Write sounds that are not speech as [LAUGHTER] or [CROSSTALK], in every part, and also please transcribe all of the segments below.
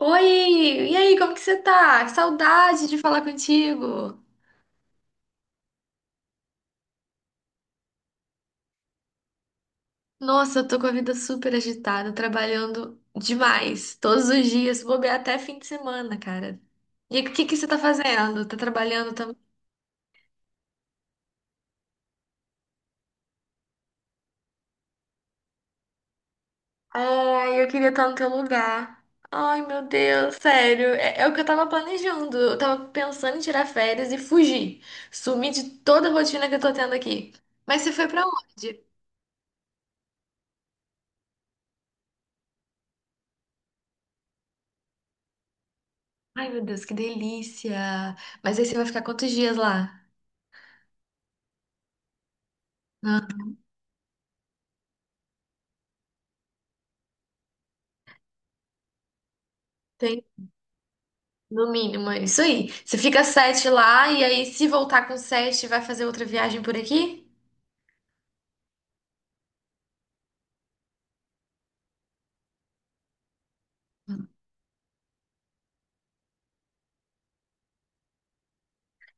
Oi! E aí, como que você tá? Que saudade de falar contigo! Nossa, eu tô com a vida super agitada, trabalhando demais, todos os dias, vou bobear até fim de semana, cara. E o que que você tá fazendo? Tá trabalhando também? Ai, eu queria estar no teu lugar. Ai, meu Deus, sério, é o que eu tava planejando. Eu tava pensando em tirar férias e fugir, sumir de toda a rotina que eu tô tendo aqui. Mas você foi pra onde? Ai, meu Deus, que delícia! Mas aí você vai ficar quantos dias lá? Ah, tem, no mínimo, é isso aí. Você fica sete lá e aí, se voltar com sete, vai fazer outra viagem por aqui?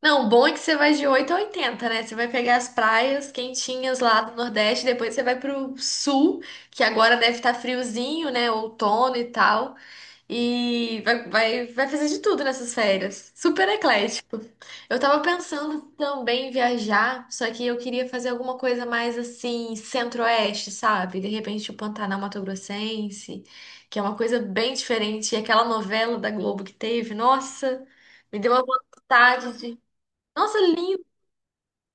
Não, o bom é que você vai de 8 a oitenta, né? Você vai pegar as praias quentinhas lá do Nordeste, depois você vai pro Sul, que agora deve estar friozinho, né? Outono e tal. E vai fazer de tudo nessas férias. Super eclético. Eu tava pensando também em viajar, só que eu queria fazer alguma coisa mais assim, centro-oeste, sabe? De repente o Pantanal Mato Grossense, que é uma coisa bem diferente. E aquela novela da Globo que teve, nossa, me deu uma vontade de. Nossa, lindo!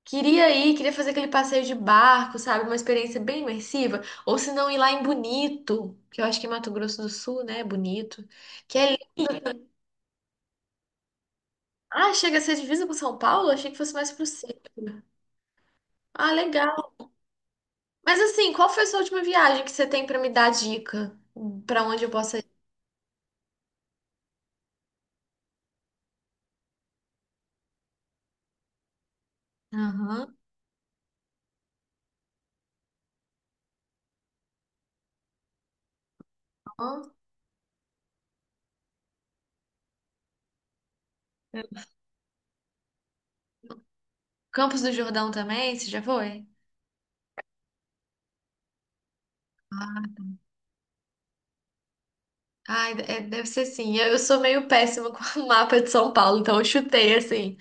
Queria ir, queria fazer aquele passeio de barco, sabe? Uma experiência bem imersiva. Ou se não, ir lá em Bonito, que eu acho que é Mato Grosso do Sul, né? Bonito. Que é Ah, chega a ser divisa com São Paulo? Achei que fosse mais pro sul. Ah, legal. Mas assim, qual foi a sua última viagem que você tem pra me dar dica? Pra onde eu possa ir? Aham. Ó. Campos do Jordão também? Você já foi? Ai, deve ser sim. Eu sou meio péssima [LAUGHS] com o mapa de São Paulo, então eu chutei assim.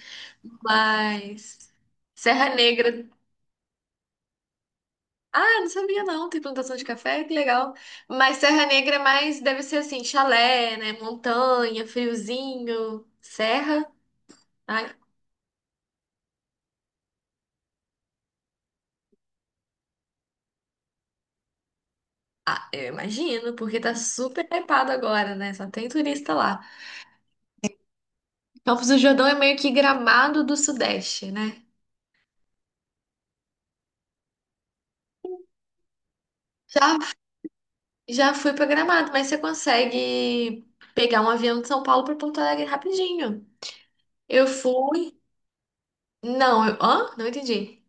Mas. Serra Negra. Ah, não sabia não. Tem plantação de café? Que legal. Mas Serra Negra é mais. Deve ser assim: chalé, né? Montanha, friozinho, serra. Ah. Ah, eu imagino, porque tá super hypado agora, né? Só tem turista lá. Campos do Jordão é meio que Gramado do Sudeste, né? Já, já fui pra Gramado, mas você consegue pegar um avião de São Paulo pra Porto Alegre rapidinho. Eu fui. Não, eu... Hã? Não entendi.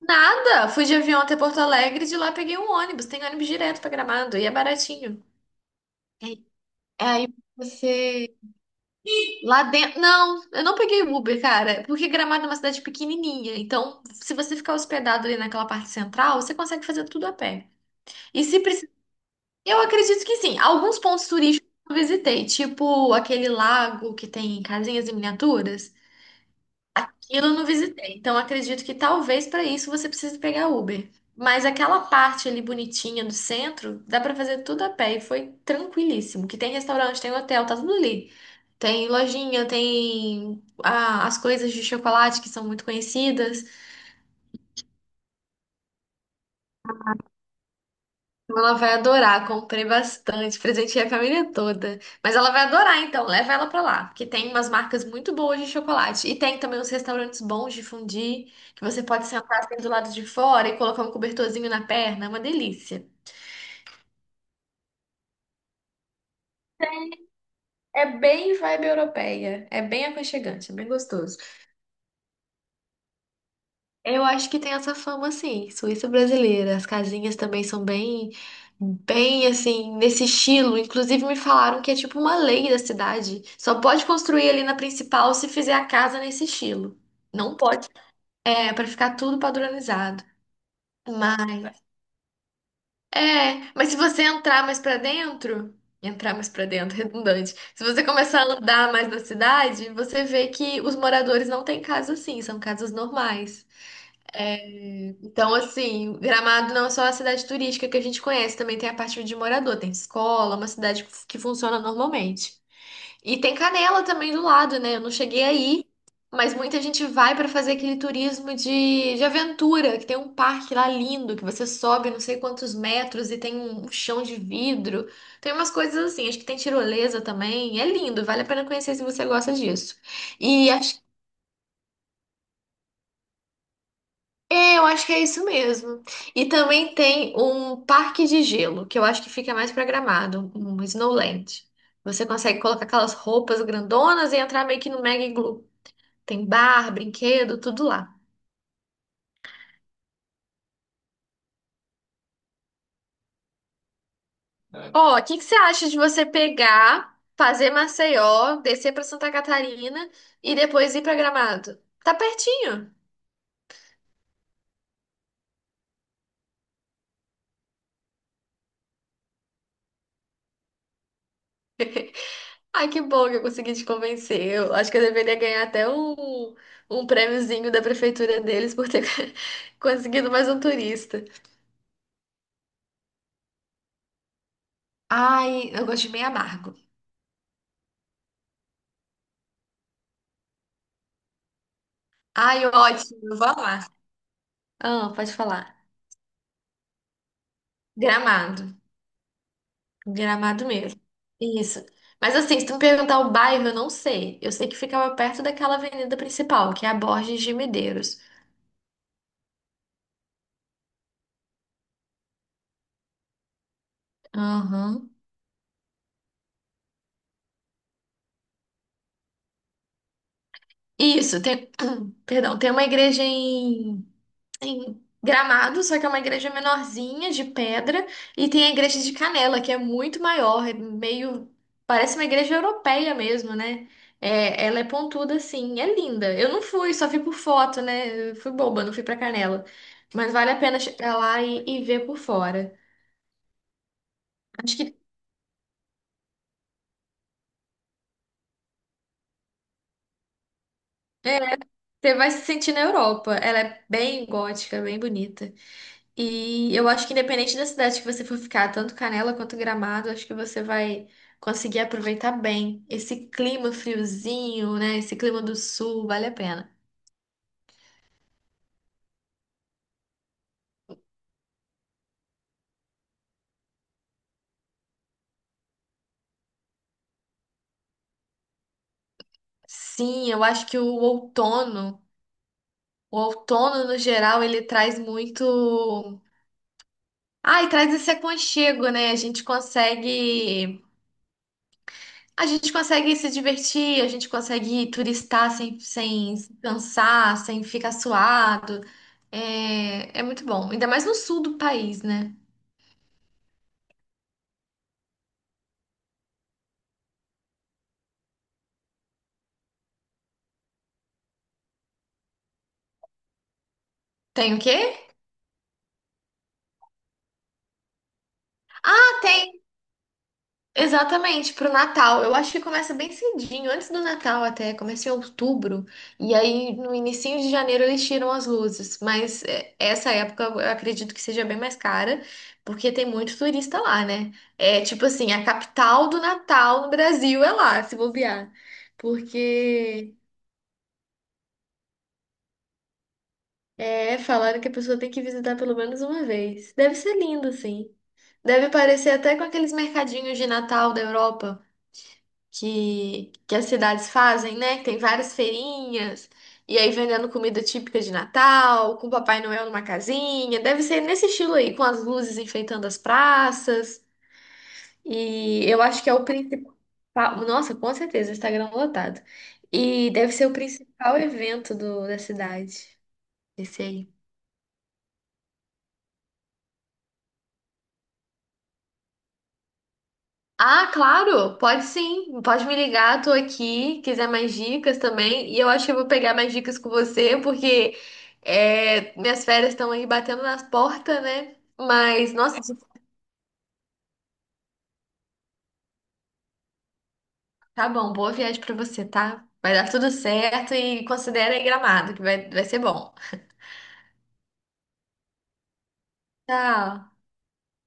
Nada! Fui de avião até Porto Alegre e de lá peguei um ônibus. Tem ônibus direto pra Gramado e é baratinho. É, aí você lá dentro. Não, eu não peguei Uber, cara, porque Gramado é uma cidade pequenininha. Então, se você ficar hospedado ali naquela parte central, você consegue fazer tudo a pé. E se precisar. Eu acredito que sim. Alguns pontos turísticos eu visitei, tipo aquele lago que tem casinhas em miniaturas. Aquilo eu não visitei, então acredito que talvez para isso você precise pegar Uber. Mas aquela parte ali bonitinha do centro, dá para fazer tudo a pé e foi tranquilíssimo. Que tem restaurante, tem hotel, tá tudo ali. Tem lojinha, tem as coisas de chocolate que são muito conhecidas. Ela vai adorar, comprei bastante, presenteei a família toda. Mas ela vai adorar, então, leva ela pra lá, porque tem umas marcas muito boas de chocolate. E tem também uns restaurantes bons de fondue, que você pode sentar assim do lado de fora e colocar um cobertorzinho na perna, é uma delícia. É bem vibe europeia, é bem aconchegante, é bem gostoso. Eu acho que tem essa fama, assim, Suíça brasileira. As casinhas também são bem, bem assim, nesse estilo. Inclusive, me falaram que é tipo uma lei da cidade. Só pode construir ali na principal se fizer a casa nesse estilo. Não pode. É, pra ficar tudo padronizado. Mas, é, mas se você entrar mais pra dentro, entrar mais pra dentro, [LAUGHS] redundante. Se você começar a andar mais na cidade, você vê que os moradores não têm casa assim, são casas normais. Então, assim, Gramado não é só a cidade turística que a gente conhece, também tem a parte de morador, tem escola, uma cidade que funciona normalmente. E tem Canela também do lado, né? Eu não cheguei aí, mas muita gente vai para fazer aquele turismo de aventura, que tem um parque lá lindo, que você sobe não sei quantos metros e tem um chão de vidro. Tem umas coisas assim, acho que tem tirolesa também. É lindo, vale a pena conhecer se você gosta disso. E acho É, eu acho que é isso mesmo. E também tem um parque de gelo, que eu acho que fica mais pra Gramado, um Snowland. Você consegue colocar aquelas roupas grandonas e entrar meio que no mega iglu. Tem bar, brinquedo, tudo lá. Ó, o que que você acha de você pegar, fazer Maceió, descer pra Santa Catarina e depois ir pra Gramado? Tá pertinho. Ai, que bom que eu consegui te convencer. Eu acho que eu deveria ganhar até um, um prêmiozinho da prefeitura deles por ter [LAUGHS] conseguido mais um turista. Ai, eu gosto de meio amargo. Ai, ótimo, eu vou amar. Ah, pode falar. Gramado. Gramado mesmo. Isso. Mas assim, se tu me perguntar o bairro, eu não sei. Eu sei que ficava perto daquela avenida principal, que é a Borges de Medeiros. Aham. Isso, tem... [CLEARS THROAT] Perdão, tem uma igreja em Gramado, só que é uma igreja menorzinha, de pedra, e tem a igreja de Canela, que é muito maior, é meio. Parece uma igreja europeia mesmo, né? É, ela é pontuda assim, é linda. Eu não fui, só fui por foto, né? Eu fui boba, não fui pra Canela. Mas vale a pena chegar lá e ver por fora. Acho que é, você vai se sentir na Europa. Ela é bem gótica, bem bonita. E eu acho que independente da cidade que você for ficar, tanto Canela quanto Gramado, acho que você vai conseguir aproveitar bem esse clima friozinho, né? Esse clima do sul, vale a pena. Sim, eu acho que o outono no geral, ele traz muito. Ai, traz esse aconchego, né? A gente consegue. A gente consegue se divertir, a gente consegue turistar sem se cansar, sem ficar suado. É, é muito bom. Ainda mais no sul do país, né? Tem o quê? Ah, tem. Exatamente, pro Natal. Eu acho que começa bem cedinho, antes do Natal até, começa em outubro, e aí no inicinho de janeiro eles tiram as luzes, mas essa época eu acredito que seja bem mais cara, porque tem muito turista lá, né? É tipo assim, a capital do Natal no Brasil é lá, se bobear, porque é falaram que a pessoa tem que visitar pelo menos uma vez. Deve ser lindo, sim. Deve parecer até com aqueles mercadinhos de Natal da Europa, que as cidades fazem, né? Que tem várias feirinhas, e aí vendendo comida típica de Natal, com o Papai Noel numa casinha. Deve ser nesse estilo aí, com as luzes enfeitando as praças. E eu acho que é o principal. Nossa, com certeza, Instagram lotado. E deve ser o principal evento da cidade. Esse aí. Ah, claro, pode sim. Pode me ligar, tô aqui. Quiser mais dicas também. E eu acho que eu vou pegar mais dicas com você, porque minhas férias estão aí batendo nas portas, né? Mas, nossa, tá bom. Boa viagem pra você, tá? Vai dar tudo certo e considera aí Gramado, que vai ser bom. Tchau.